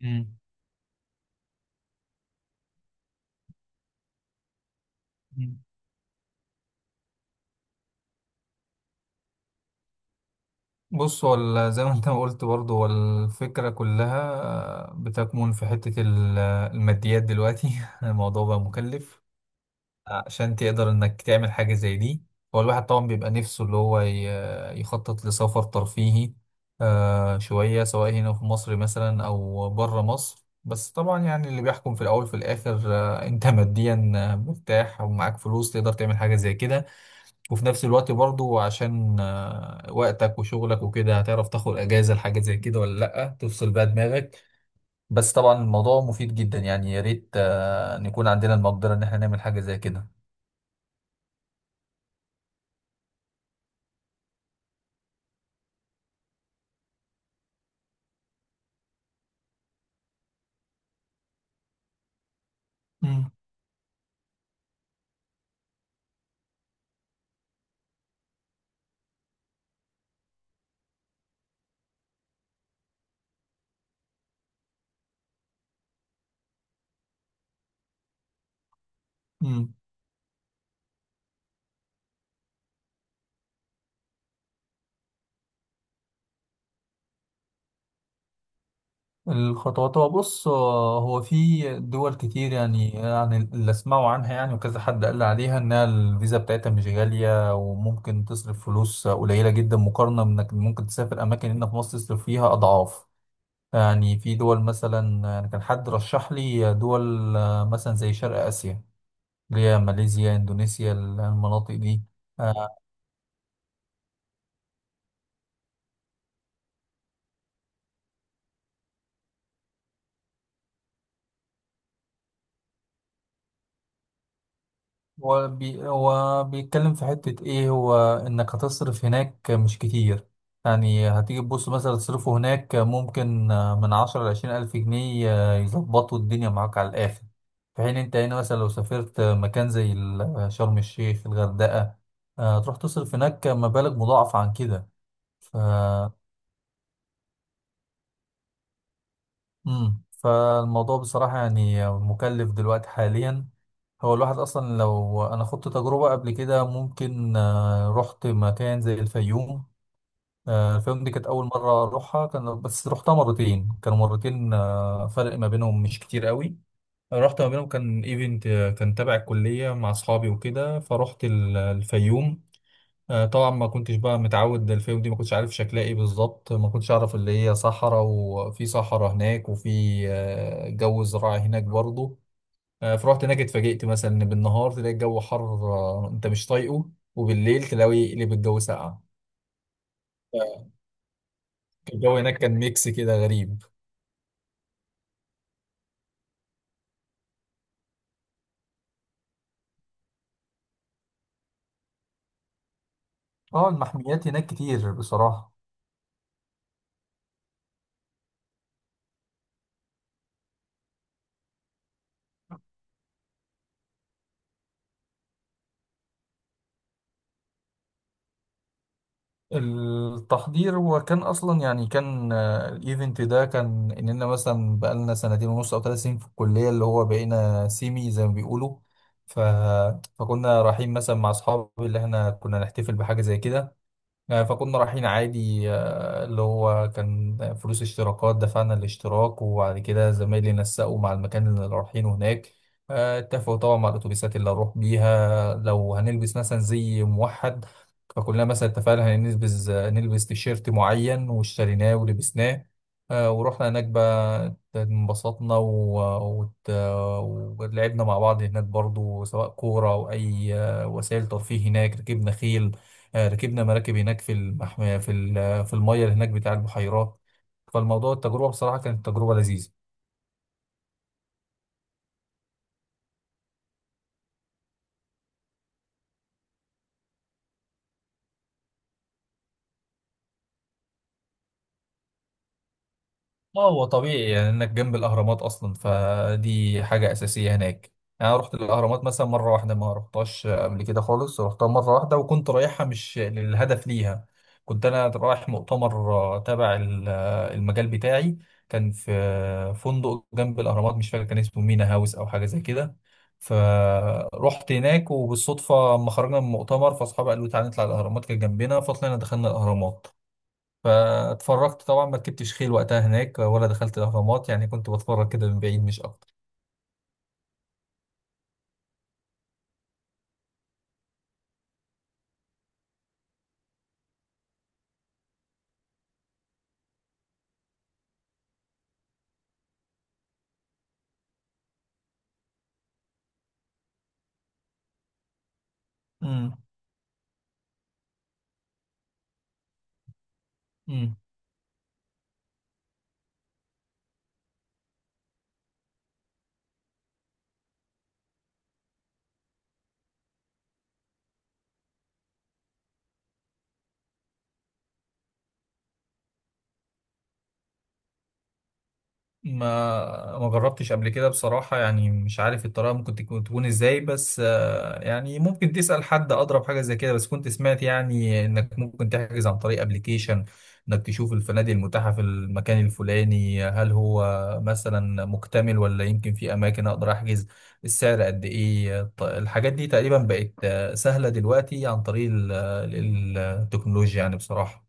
مم. مم. بص هو زي ما انت ما قلت برضه هو الفكرة كلها بتكمن في حتة الماديات دلوقتي الموضوع بقى مكلف عشان تقدر انك تعمل حاجة زي دي. هو الواحد طبعا بيبقى نفسه اللي هو يخطط لسفر ترفيهي، شوية سواء هنا في مصر مثلا او بره مصر. بس طبعا يعني اللي بيحكم في الاول في الاخر انت ماديا مرتاح ومعاك فلوس تقدر تعمل حاجة زي كده، وفي نفس الوقت برضو عشان وقتك وشغلك وكده هتعرف تاخد اجازة لحاجة زي كده ولا لأ، تفصل بقى دماغك. بس طبعا الموضوع مفيد جدا، يعني يا ريت نكون عندنا المقدرة ان احنا نعمل حاجة زي كده. مم. مم. الخطوات، هو بص، هو في دول كتير يعني يعني اللي اسمعوا عنها يعني، وكذا حد قال لي عليها انها الفيزا بتاعتها مش غالية وممكن تصرف فلوس قليلة جدا مقارنة بانك ممكن تسافر اماكن هنا في مصر تصرف فيها اضعاف. يعني في دول مثلا، يعني كان حد رشح لي دول مثلا زي شرق آسيا، اللي هي ماليزيا، إندونيسيا، المناطق دي. آه، هو بيتكلم في حتة إيه، هو إنك هتصرف هناك مش كتير. يعني هتيجي تبص مثلا تصرفه هناك ممكن من 10 لـ20 ألف جنيه، يظبطوا الدنيا معاك على الآخر. في حين أنت هنا مثلا لو سافرت مكان زي شرم الشيخ، الغردقة، تروح تصرف هناك مبالغ مضاعفة عن كده. فالموضوع بصراحة يعني مكلف دلوقتي حاليا. هو الواحد أصلا لو أنا خدت تجربة قبل كده، ممكن رحت مكان زي الفيوم. الفيوم دي كانت أول مرة أروحها، كان بس رحتها مرتين، كانوا مرتين فرق ما بينهم مش كتير قوي. رحت ما بينهم كان ايفنت، كان تبع الكلية مع أصحابي وكده، فرحت الفيوم. طبعا ما كنتش بقى متعود، الفيوم دي ما كنتش عارف شكلها ايه بالظبط، ما كنتش اعرف اللي هي صحراء وفي صحراء هناك وفي جو زراعي هناك برضه. فرحت هناك، اتفاجئت مثلا ان بالنهار تلاقي الجو حر، انت مش طايقه، وبالليل تلاقي اللي بالجو ساقع. الجو هناك كان ميكس كده غريب. اه، المحميات هناك كتير بصراحة. التحضير، هو كان اصلا يعني كان الايفنت ده كان اننا مثلا بقالنا سنتين ونص او 3 سنين في الكليه، اللي هو بقينا سيمي زي ما بيقولوا. ف... فكنا رايحين مثلا مع اصحابي اللي احنا كنا نحتفل بحاجه زي كده. فكنا رايحين عادي، اللي هو كان فلوس اشتراكات، دفعنا الاشتراك وبعد كده زمايلي نسقوا مع المكان اللي رايحينه هناك. اتفقوا طبعا مع الاتوبيسات اللي هنروح بيها، لو هنلبس مثلا زي موحد، فكلنا مثلا اتفقنا هنلبس آه، نلبس تيشيرت معين واشتريناه ولبسناه. ورحنا هناك بقى، انبسطنا ولعبنا مع بعض هناك برضو، سواء كورة أو أي وسائل ترفيه هناك، ركبنا خيل، ركبنا مراكب هناك في المحمية في في المية اللي هناك بتاع البحيرات. فالموضوع، التجربة بصراحة كانت تجربة لذيذة. اه، هو طبيعي يعني انك جنب الاهرامات اصلا، فدي حاجه اساسيه هناك. يعني انا رحت الاهرامات مثلا مره واحده، ما رحتهاش قبل كده خالص، رحتها مره واحده وكنت رايحها مش للهدف ليها، كنت انا رايح مؤتمر تبع المجال بتاعي. كان في فندق جنب الاهرامات، مش فاكر كان اسمه مينا هاوس او حاجه زي كده. فرحت هناك وبالصدفه اما خرجنا من المؤتمر، فاصحابي قالوا تعالى نطلع الاهرامات، كانت جنبنا، فطلعنا دخلنا الاهرامات. فاتفرجت طبعا، ما ركبتش خيل وقتها هناك ولا دخلت الاهرامات، يعني كنت بتفرج كده من بعيد مش اكتر. امم ما جربتش قبل كده بصراحة، يعني مش عارف الطريقة ممكن تكون ازاي، بس يعني ممكن تسأل حد، أضرب حاجة زي كده، بس كنت سمعت يعني إنك ممكن تحجز عن طريق ابلكيشن، إنك تشوف الفنادق المتاحة في المكان الفلاني، هل هو مثلا مكتمل ولا يمكن في أماكن أقدر أحجز، السعر قد إيه. الحاجات دي تقريبا بقت سهلة دلوقتي عن طريق التكنولوجيا يعني بصراحة.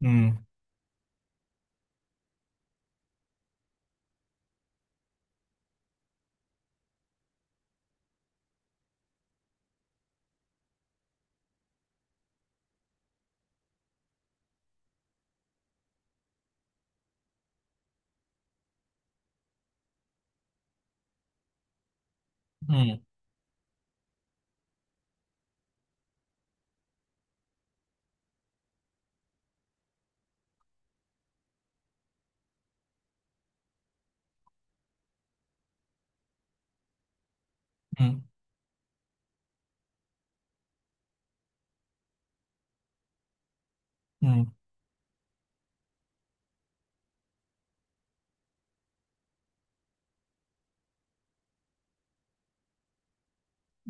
مم. مم. مم.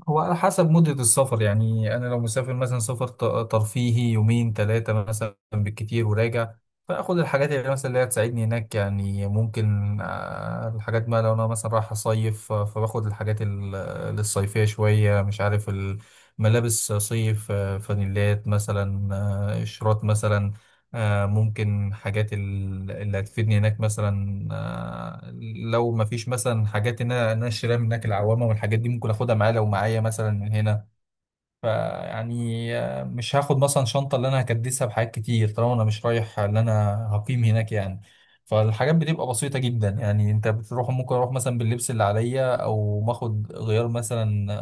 هو على حسب مدة السفر، يعني أنا لو مسافر مثلا سفر ترفيهي يومين ثلاثة مثلا بالكتير وراجع، فآخد الحاجات اللي مثلا اللي هتساعدني هناك، يعني ممكن الحاجات، ما لو أنا مثلا رايح أصيف، فباخد الحاجات الصيفية شوية، مش عارف، الملابس صيف، فانيلات مثلا، قشرات مثلا، ممكن حاجات اللي هتفيدني هناك مثلا، لو ما فيش مثلا حاجات ان انا إن أنا اشتريها من هناك، العوامه والحاجات دي ممكن اخدها معايا لو معايا مثلا من هنا. فيعني مش هاخد مثلا شنطه اللي انا هكدسها بحاجات كتير طالما انا مش رايح، اللي انا هقيم هناك يعني. فالحاجات بتبقى بسيطه جدا، يعني انت بتروح ممكن اروح مثلا باللبس اللي عليا او باخد غيار مثلا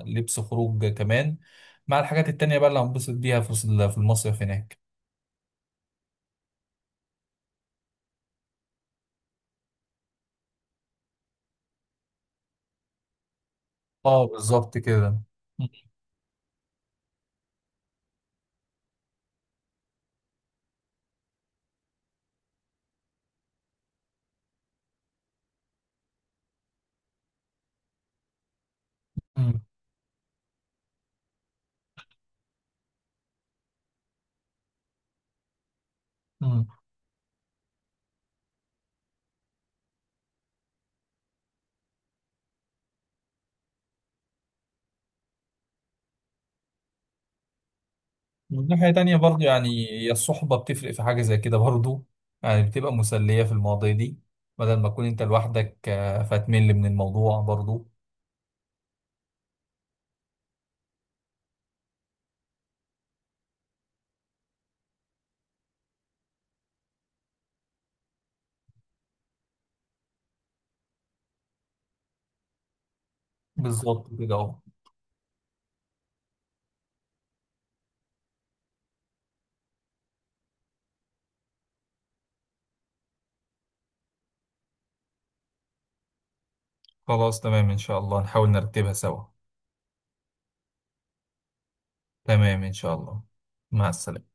لبس خروج كمان مع الحاجات التانية بقى اللي هنبسط بيها في المصيف هناك. اه بالظبط كده. مم. مم. من ناحية تانية برضو، يعني هي الصحبة بتفرق في حاجة زي كده برضو، يعني بتبقى مسلية في المواضيع دي، بدل ما تكون انت لوحدك فتمل من الموضوع برضو. بالظبط كده اهو. خلاص تمام، ان شاء الله نحاول نرتبها سوا. تمام ان شاء الله. مع السلامة.